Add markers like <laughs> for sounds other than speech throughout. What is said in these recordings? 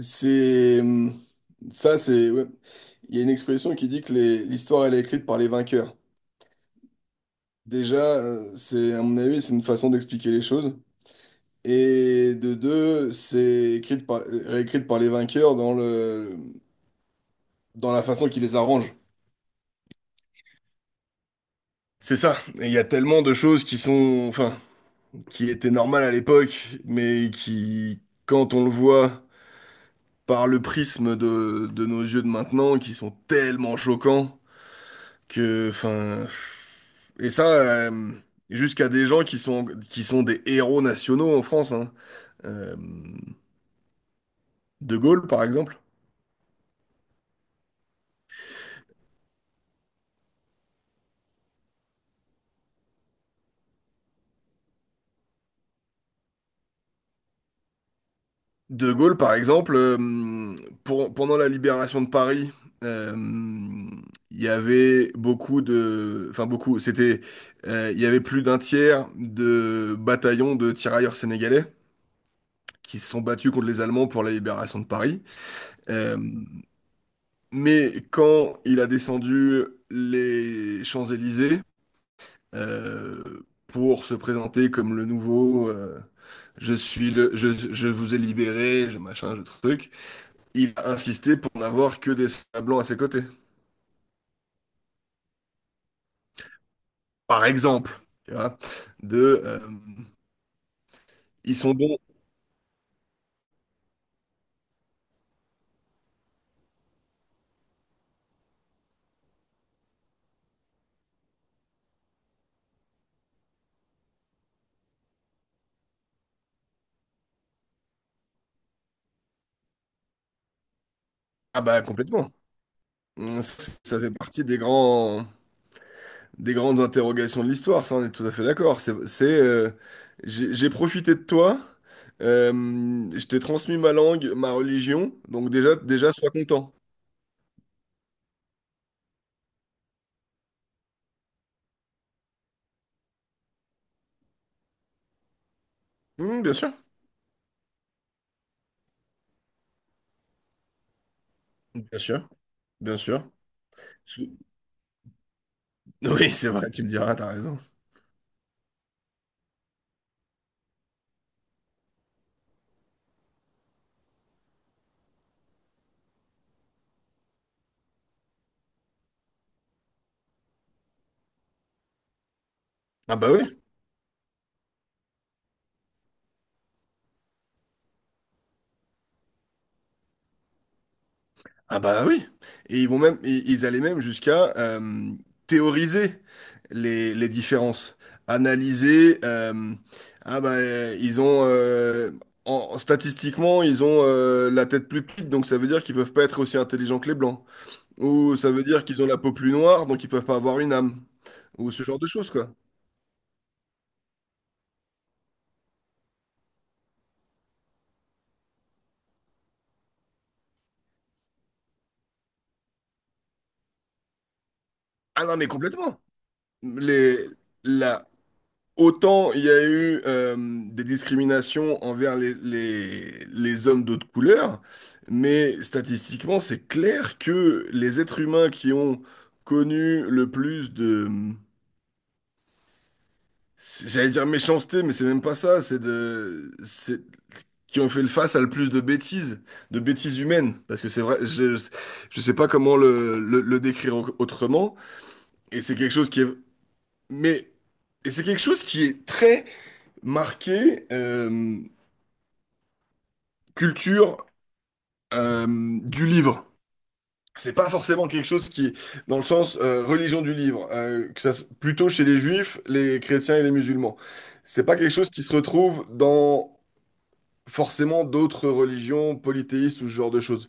C'est ça, c'est ouais. Il y a une expression qui dit que l'histoire elle est écrite par les vainqueurs. Déjà, c'est à mon avis, c'est une façon d'expliquer les choses. Et de deux, c'est écrite par réécrite par les vainqueurs dans la façon qui les arrange. C'est ça. Et il y a tellement de choses qui sont, enfin, qui étaient normales à l'époque, mais qui, quand on le voit par le prisme de nos yeux de maintenant, qui sont tellement choquants que, enfin, et ça, jusqu'à des gens qui sont des héros nationaux en France, hein. Euh, De Gaulle, par exemple. De Gaulle, par exemple, pendant la libération de Paris, euh, il y avait beaucoup de, enfin beaucoup, c'était, il y avait plus d'un tiers de bataillons de tirailleurs sénégalais qui se sont battus contre les Allemands pour la libération de Paris. Euh, Mais quand il a descendu les Champs-Élysées, pour se présenter comme le nouveau, je suis le je, je vous ai libéré, je machin, je truc, il a insisté pour n'avoir que des soldats blancs à ses côtés. Par exemple, tu vois, de ils sont bons. Ah bah complètement. Ça fait partie des grandes interrogations de l'histoire, ça on est tout à fait d'accord. C'est, j'ai profité de toi, euh, je t'ai transmis ma langue, ma religion, donc déjà, déjà sois content. Hmm, bien sûr, bien sûr, bien sûr. Sou- <laughs> Oui, c'est vrai, tu me diras, t'as raison. Ah bah oui, ah bah oui, et ils vont même, ils allaient même jusqu'à, théoriser les différences, analyser. Ah bah, ils ont, statistiquement ils ont, la tête plus petite, donc ça veut dire qu'ils peuvent pas être aussi intelligents que les blancs. Ou ça veut dire qu'ils ont la peau plus noire, donc ils peuvent pas avoir une âme. Ou ce genre de choses quoi. Ah non mais complètement. Les la Autant il y a eu, des discriminations envers les, les hommes d'autres couleurs, mais statistiquement, c'est clair que les êtres humains qui ont connu le plus de, j'allais dire méchanceté, mais c'est même pas ça, qui ont fait le face à le plus de bêtises humaines, parce que c'est vrai, je sais pas comment le décrire autrement, et c'est quelque chose qui est, mais, et c'est quelque chose qui est très marqué. Culture, euh, du livre. C'est pas forcément quelque chose qui, est dans le sens, religion du livre, que ça, plutôt chez les juifs, les chrétiens et les musulmans. C'est pas quelque chose qui se retrouve dans forcément d'autres religions polythéistes ou ce genre de choses.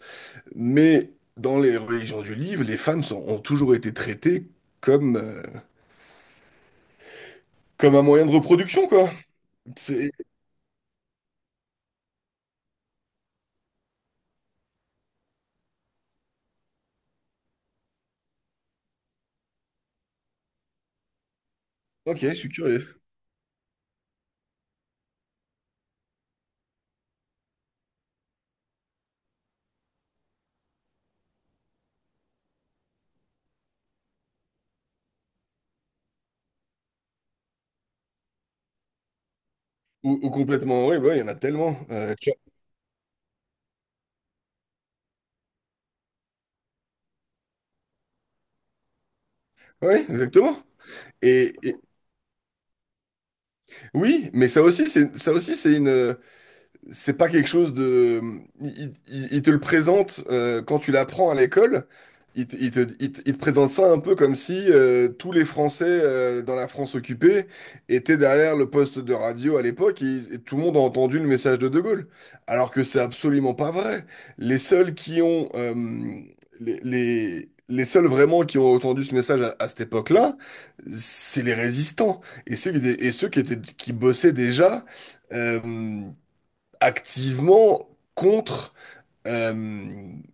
Mais dans les religions du livre, les femmes ont toujours été traitées comme, comme un moyen de reproduction, quoi. C'est. Ok, je suis curieux. Ou complètement horrible, ouais, il y en a tellement. Ouais, exactement. Et, et- Oui, mais ça aussi, c'est une, c'est pas quelque chose de. Il te le présente, quand tu l'apprends à l'école. Il te présente ça un peu comme si, tous les Français, dans la France occupée étaient derrière le poste de radio à l'époque, et tout le monde a entendu le message de De Gaulle. Alors que c'est absolument pas vrai. Les seuls qui ont. euh, les seuls vraiment qui ont entendu ce message à cette époque-là, c'est les résistants. Et ceux qui étaient, qui bossaient déjà, Euh, activement contre, euh,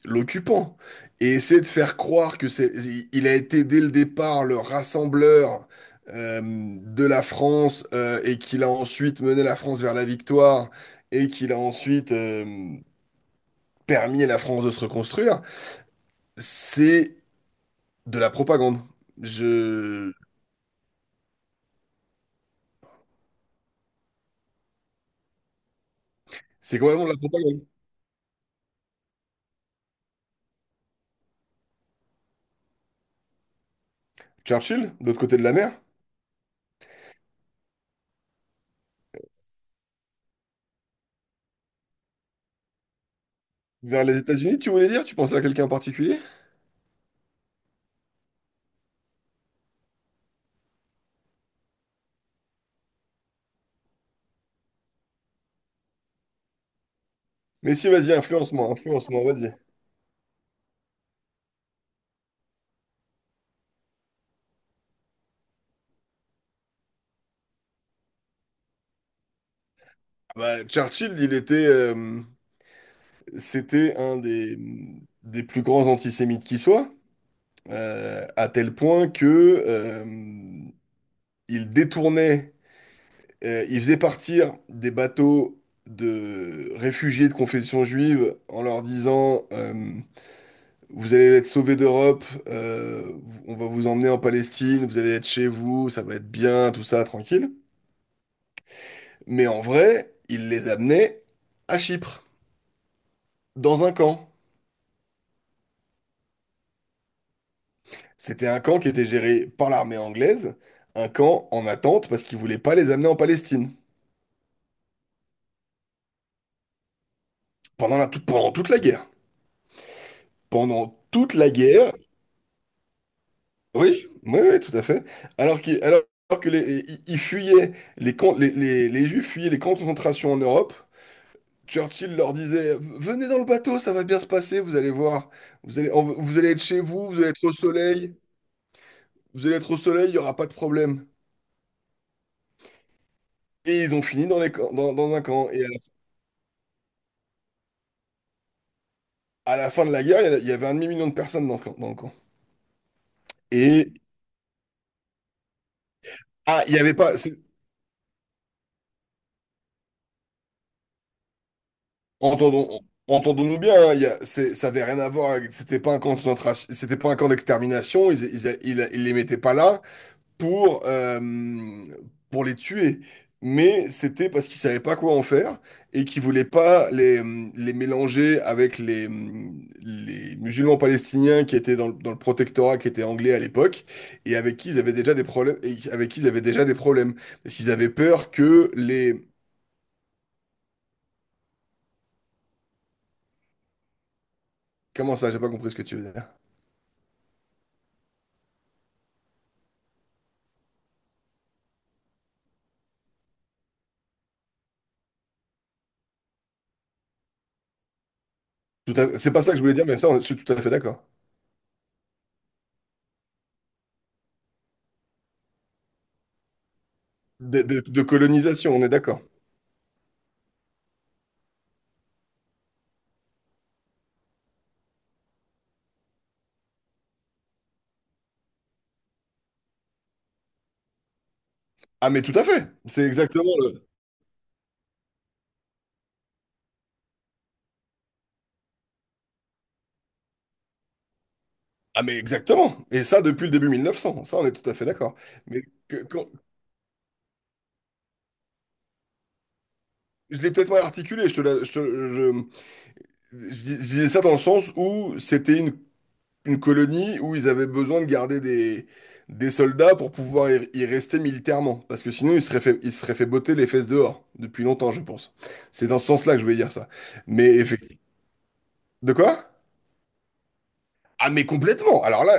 l'occupant et essayer de faire croire que, c'est il a été dès le départ le rassembleur, de la France, et qu'il a ensuite mené la France vers la victoire et qu'il a ensuite, permis à la France de se reconstruire, c'est de la propagande. Je. C'est complètement de la propagande. Churchill, de l'autre côté de la mer, vers les États-Unis, tu voulais dire? Tu pensais à quelqu'un en particulier? Mais si, vas-y, influence-moi, influence-moi, vas-y. Bah, Churchill, il était, c'était un des plus grands antisémites qui soit, à tel point que, euh, il détournait, il faisait partir des bateaux de réfugiés de confession juive en leur disant, vous allez être sauvés d'Europe, on va vous emmener en Palestine, vous allez être chez vous, ça va être bien, tout ça, tranquille. Mais en vrai, il les amenait à Chypre, dans un camp. C'était un camp qui était géré par l'armée anglaise, un camp en attente parce qu'ils voulaient pas les amener en Palestine. Pendant toute la guerre. Pendant toute la guerre. Oui, oui, oui, tout à fait. Alors qu'ils, alors que les, ils ils fuyaient, les, camps- Les Juifs fuyaient les camps de concentration en Europe. Churchill leur disait, venez dans le bateau, ça va bien se passer, vous allez voir. Vous allez être chez vous, vous allez être au soleil. Vous allez être au soleil, il n'y aura pas de problème. Et ils ont fini dans un camp. Et. À la fin de la guerre, il y avait un demi-million de personnes dans le camp. Dans le camp. Et, il n'y avait pas, entendons, entendons-nous bien, hein, ça avait rien à voir, c'était pas un camp de concentration, c'était pas un camp d'extermination, ils les mettaient pas là, pour, euh, pour les tuer. Mais c'était parce qu'ils savaient pas quoi en faire et qu'ils voulaient pas les mélanger avec les musulmans palestiniens qui étaient, dans le protectorat, qui étaient anglais à l'époque, et avec qui ils avaient déjà des problèmes, et avec qui ils avaient déjà des problèmes. Parce qu'ils avaient peur que les. Comment ça? J'ai pas compris ce que tu veux dire. C'est pas ça que je voulais dire, mais ça, je suis tout à fait d'accord. De colonisation, on est d'accord. Ah mais tout à fait, c'est exactement. Ah mais exactement. Et ça depuis le début 1900. Ça on est tout à fait d'accord. Mais que- quand- je l'ai peut-être mal articulé. Je te la- je, te- je dis- Je disais ça dans le sens où c'était une colonie où ils avaient besoin de garder des soldats pour pouvoir y rester militairement. Parce que sinon ils se seraient fait botter les fesses dehors depuis longtemps, je pense. C'est dans ce sens-là que je vais dire ça. Mais effectivement. De quoi? Ah mais complètement. Alors là,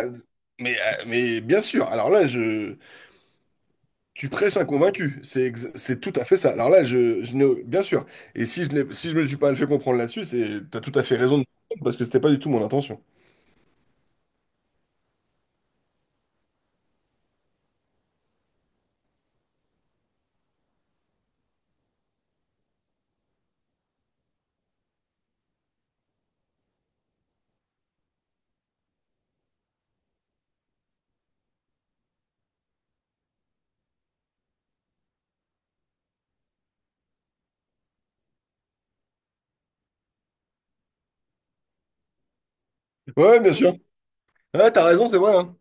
mais bien sûr. Alors là, je. Tu prêches un convaincu, c'est tout à fait ça. Alors là, je n'ai- bien sûr, et si je me suis pas fait comprendre là-dessus, c'est t'as tout à fait raison de parce que c'était pas du tout mon intention. Ouais, ouais, bien sûr. Ouais, t'as raison, c'est vrai, hein.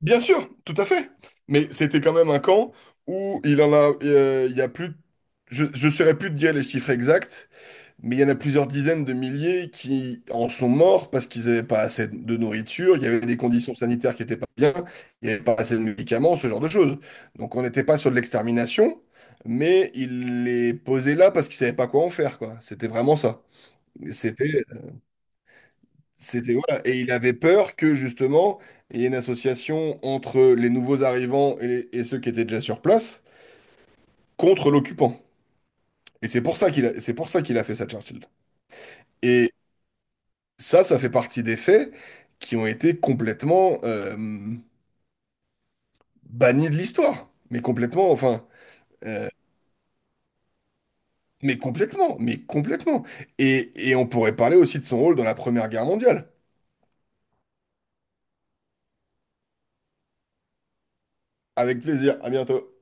Bien sûr, tout à fait. Mais c'était quand même un camp où il y a plus, je saurais plus te dire les chiffres exacts. Mais il y en a plusieurs dizaines de milliers qui en sont morts parce qu'ils n'avaient pas assez de nourriture, il y avait des conditions sanitaires qui n'étaient pas bien, il n'y avait pas assez de médicaments, ce genre de choses. Donc on n'était pas sur de l'extermination, mais il les posait là parce qu'ils ne savaient pas quoi en faire, quoi. C'était vraiment ça. C'était, c'était, voilà. Et il avait peur que justement, il y ait une association entre les nouveaux arrivants et ceux qui étaient déjà sur place contre l'occupant. Et c'est pour ça qu'il a fait ça, Churchill. Et ça fait partie des faits qui ont été complètement, bannis de l'histoire. Mais complètement, enfin. euh, mais complètement, mais complètement. Et on pourrait parler aussi de son rôle dans la Première Guerre mondiale. Avec plaisir, à bientôt.